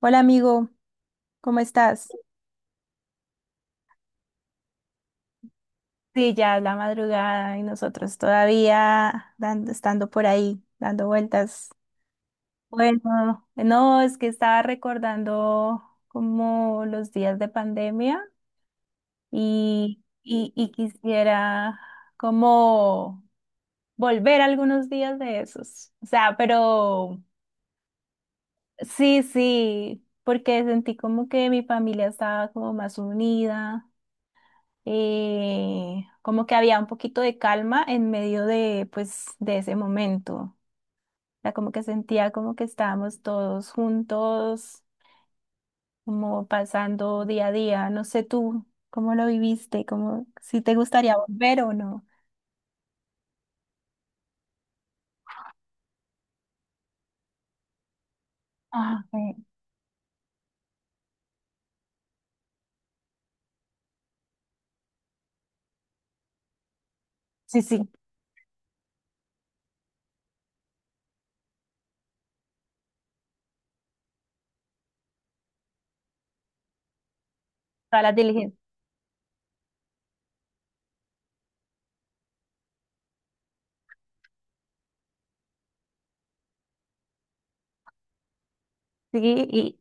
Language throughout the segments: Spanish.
Hola amigo, ¿cómo estás? Sí, ya es la madrugada y nosotros estando por ahí, dando vueltas. Bueno, no, es que estaba recordando como los días de pandemia y quisiera como volver algunos días de esos. O sea, pero sí, sí, porque sentí como que mi familia estaba como más unida, como que había un poquito de calma en medio de, pues, de ese momento. O sea, como que sentía como que estábamos todos juntos, como pasando día a día. No sé tú cómo lo viviste, como si te gustaría volver o no. Ah, ok. Sí, sí, todas las diligencias. Sí, y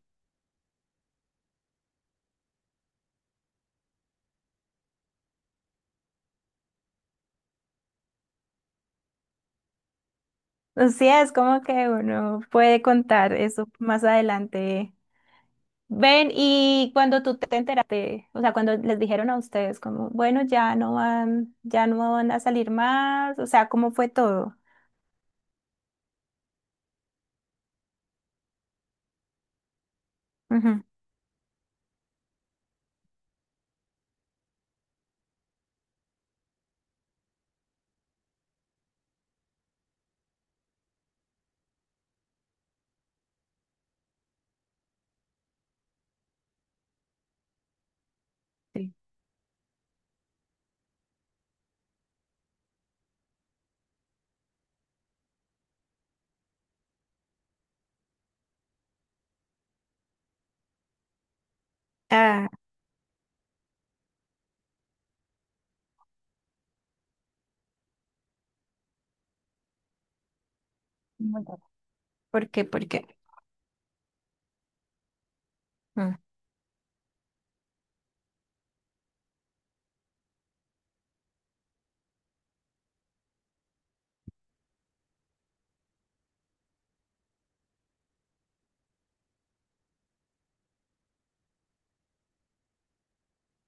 o sea, es como que uno puede contar eso más adelante. Ven, y cuando tú te enteraste, o sea, cuando les dijeron a ustedes como, bueno, ya no van a salir más, o sea, ¿cómo fue todo? Ujú, sí. Ah, muy raro. ¿Por qué? ¿Por qué? Mm.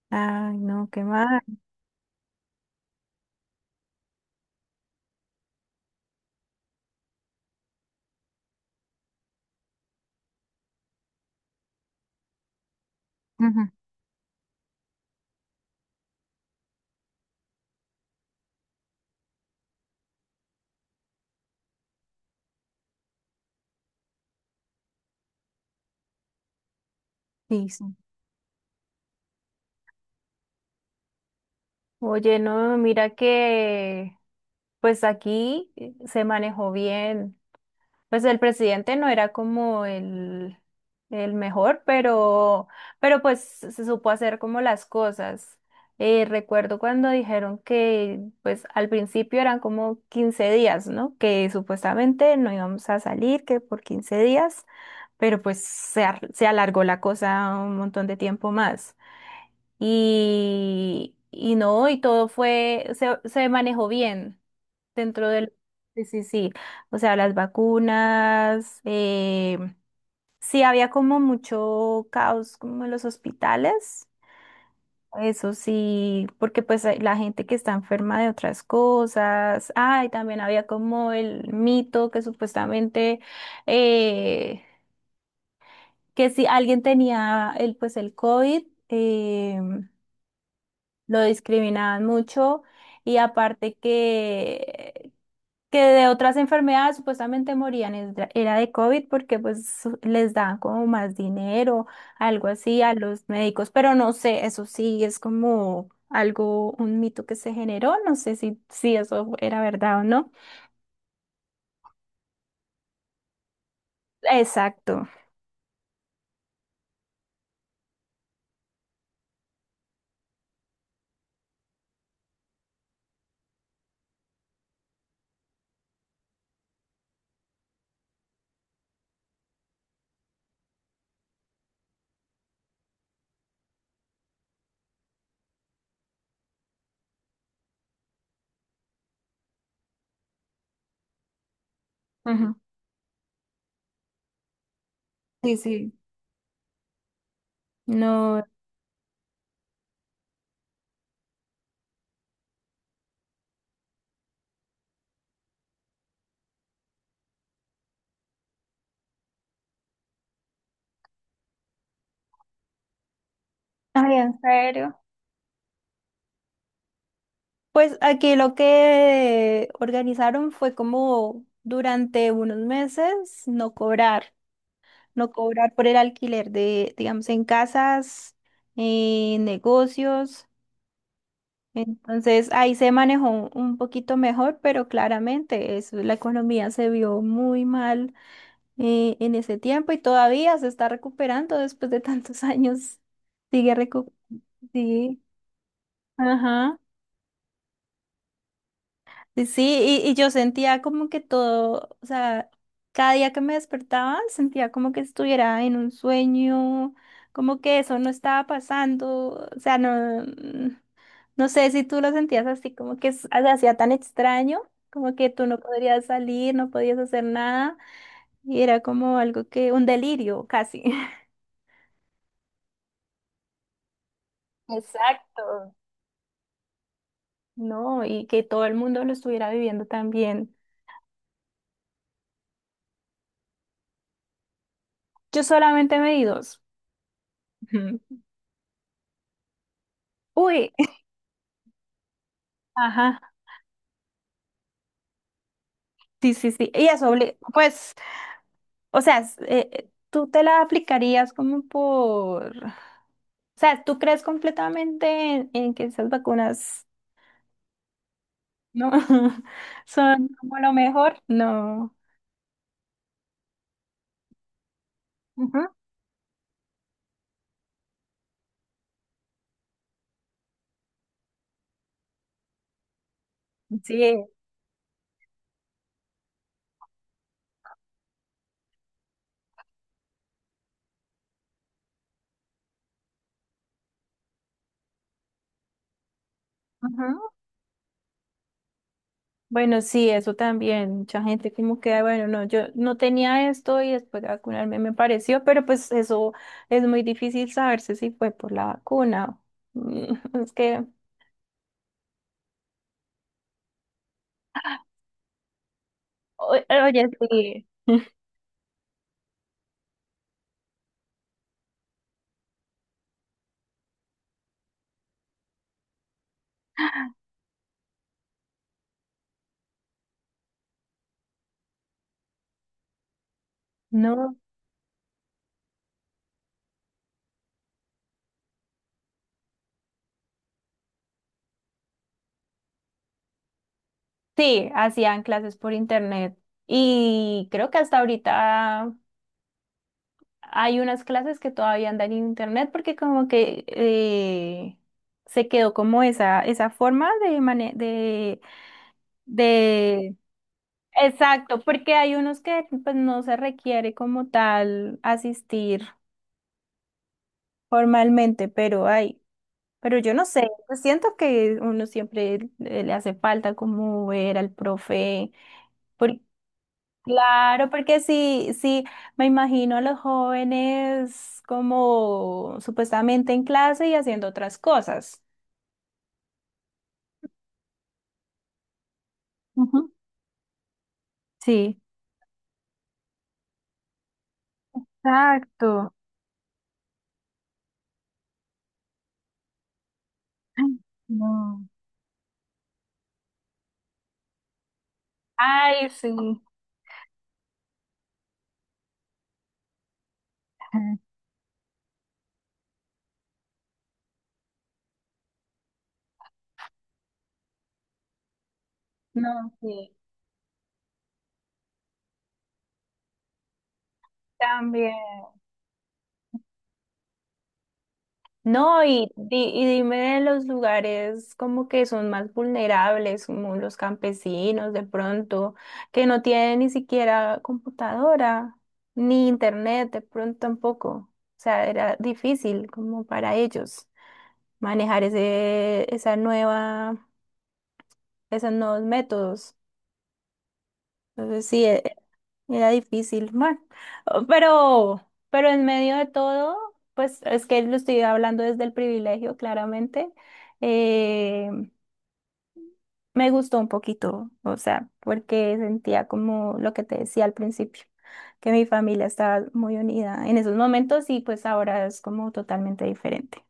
Ay, no, qué mal. Ujú, sí, sí. Oye, no, mira que pues aquí se manejó bien. Pues el presidente no era como el mejor, pero pues se supo hacer como las cosas. Recuerdo cuando dijeron que pues al principio eran como 15 días, ¿no? Que supuestamente no íbamos a salir, que por 15 días, pero pues se alargó la cosa un montón de tiempo más. Y no, y todo fue, se manejó bien. Dentro del... Sí, sí, sí. O sea, las vacunas. Sí, había como mucho caos como en los hospitales. Eso sí, porque pues hay la gente que está enferma de otras cosas. Ay, también había como el mito que supuestamente eh, que si alguien tenía el pues el COVID, lo discriminaban mucho. Y aparte que de otras enfermedades supuestamente era de COVID porque pues les dan como más dinero, algo así a los médicos, pero no sé, eso sí es como algo, un mito que se generó, no sé si, si eso era verdad o no. Exacto. Ujú. Sí, sí. No. Ay, ¿en serio? Pues aquí lo que organizaron fue como durante unos meses no cobrar. No cobrar por el alquiler de, digamos, en casas, en negocios. Entonces ahí se manejó un poquito mejor, pero claramente es la economía se vio muy mal, en ese tiempo y todavía se está recuperando después de tantos años. Sigue recuperando. Sí, ajá. Sí, sí, y yo sentía como que todo, o sea, cada día que me despertaba sentía como que estuviera en un sueño, como que eso no estaba pasando, o sea, no, no sé si tú lo sentías así, como que se hacía tan extraño, como que tú no podrías salir, no podías hacer nada, y era como algo que, un delirio casi. Exacto. No, y que todo el mundo lo estuviera viviendo también. Yo solamente me di dos. Uy, ajá. Sí, sí, sí. Y eso, pues, o sea, tú te la aplicarías como por, o sea, tú crees completamente en que esas vacunas no son como lo mejor. No. Ujú. Sí. Ujú. Bueno, sí, eso también. Mucha gente como que, bueno, no, yo no tenía esto y después de vacunarme me pareció, pero pues eso es muy difícil saberse si fue por la vacuna. Mm, es que, o- oye, sí. No. Sí, hacían clases por internet y creo que hasta ahorita hay unas clases que todavía andan en internet porque como que se quedó como esa forma de, de... Exacto, porque hay unos que pues no se requiere como tal asistir formalmente, pero hay, pero yo no sé, yo siento que uno siempre le hace falta como ver al profe. Claro, porque sí, sí, me imagino a los jóvenes como supuestamente en clase y haciendo otras cosas. Ujú. Sí. Exacto. Ay, no. Ay, sí. Ujú. No, sí, también. No, y dime de los lugares como que son más vulnerables, como los campesinos de pronto, que no tienen ni siquiera computadora, ni internet de pronto tampoco. O sea, era difícil como para ellos manejar ese, esa nueva, esos nuevos métodos. Entonces sí, era difícil, bueno, pero, pero en medio de todo, pues es que lo estoy hablando desde el privilegio, claramente, eh, me gustó un poquito, o sea, porque sentía como lo que te decía al principio, que mi familia estaba muy unida en esos momentos y pues ahora es como totalmente diferente.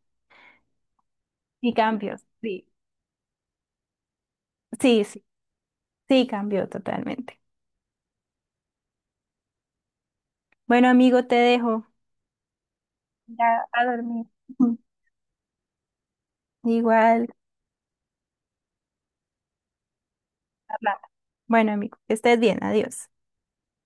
Y cambios, sí, sí, sí, sí, cambió totalmente. Bueno, amigo, te dejo. Ya a dormir. Igual. Hablamos. Bueno, amigo, que estés bien, adiós.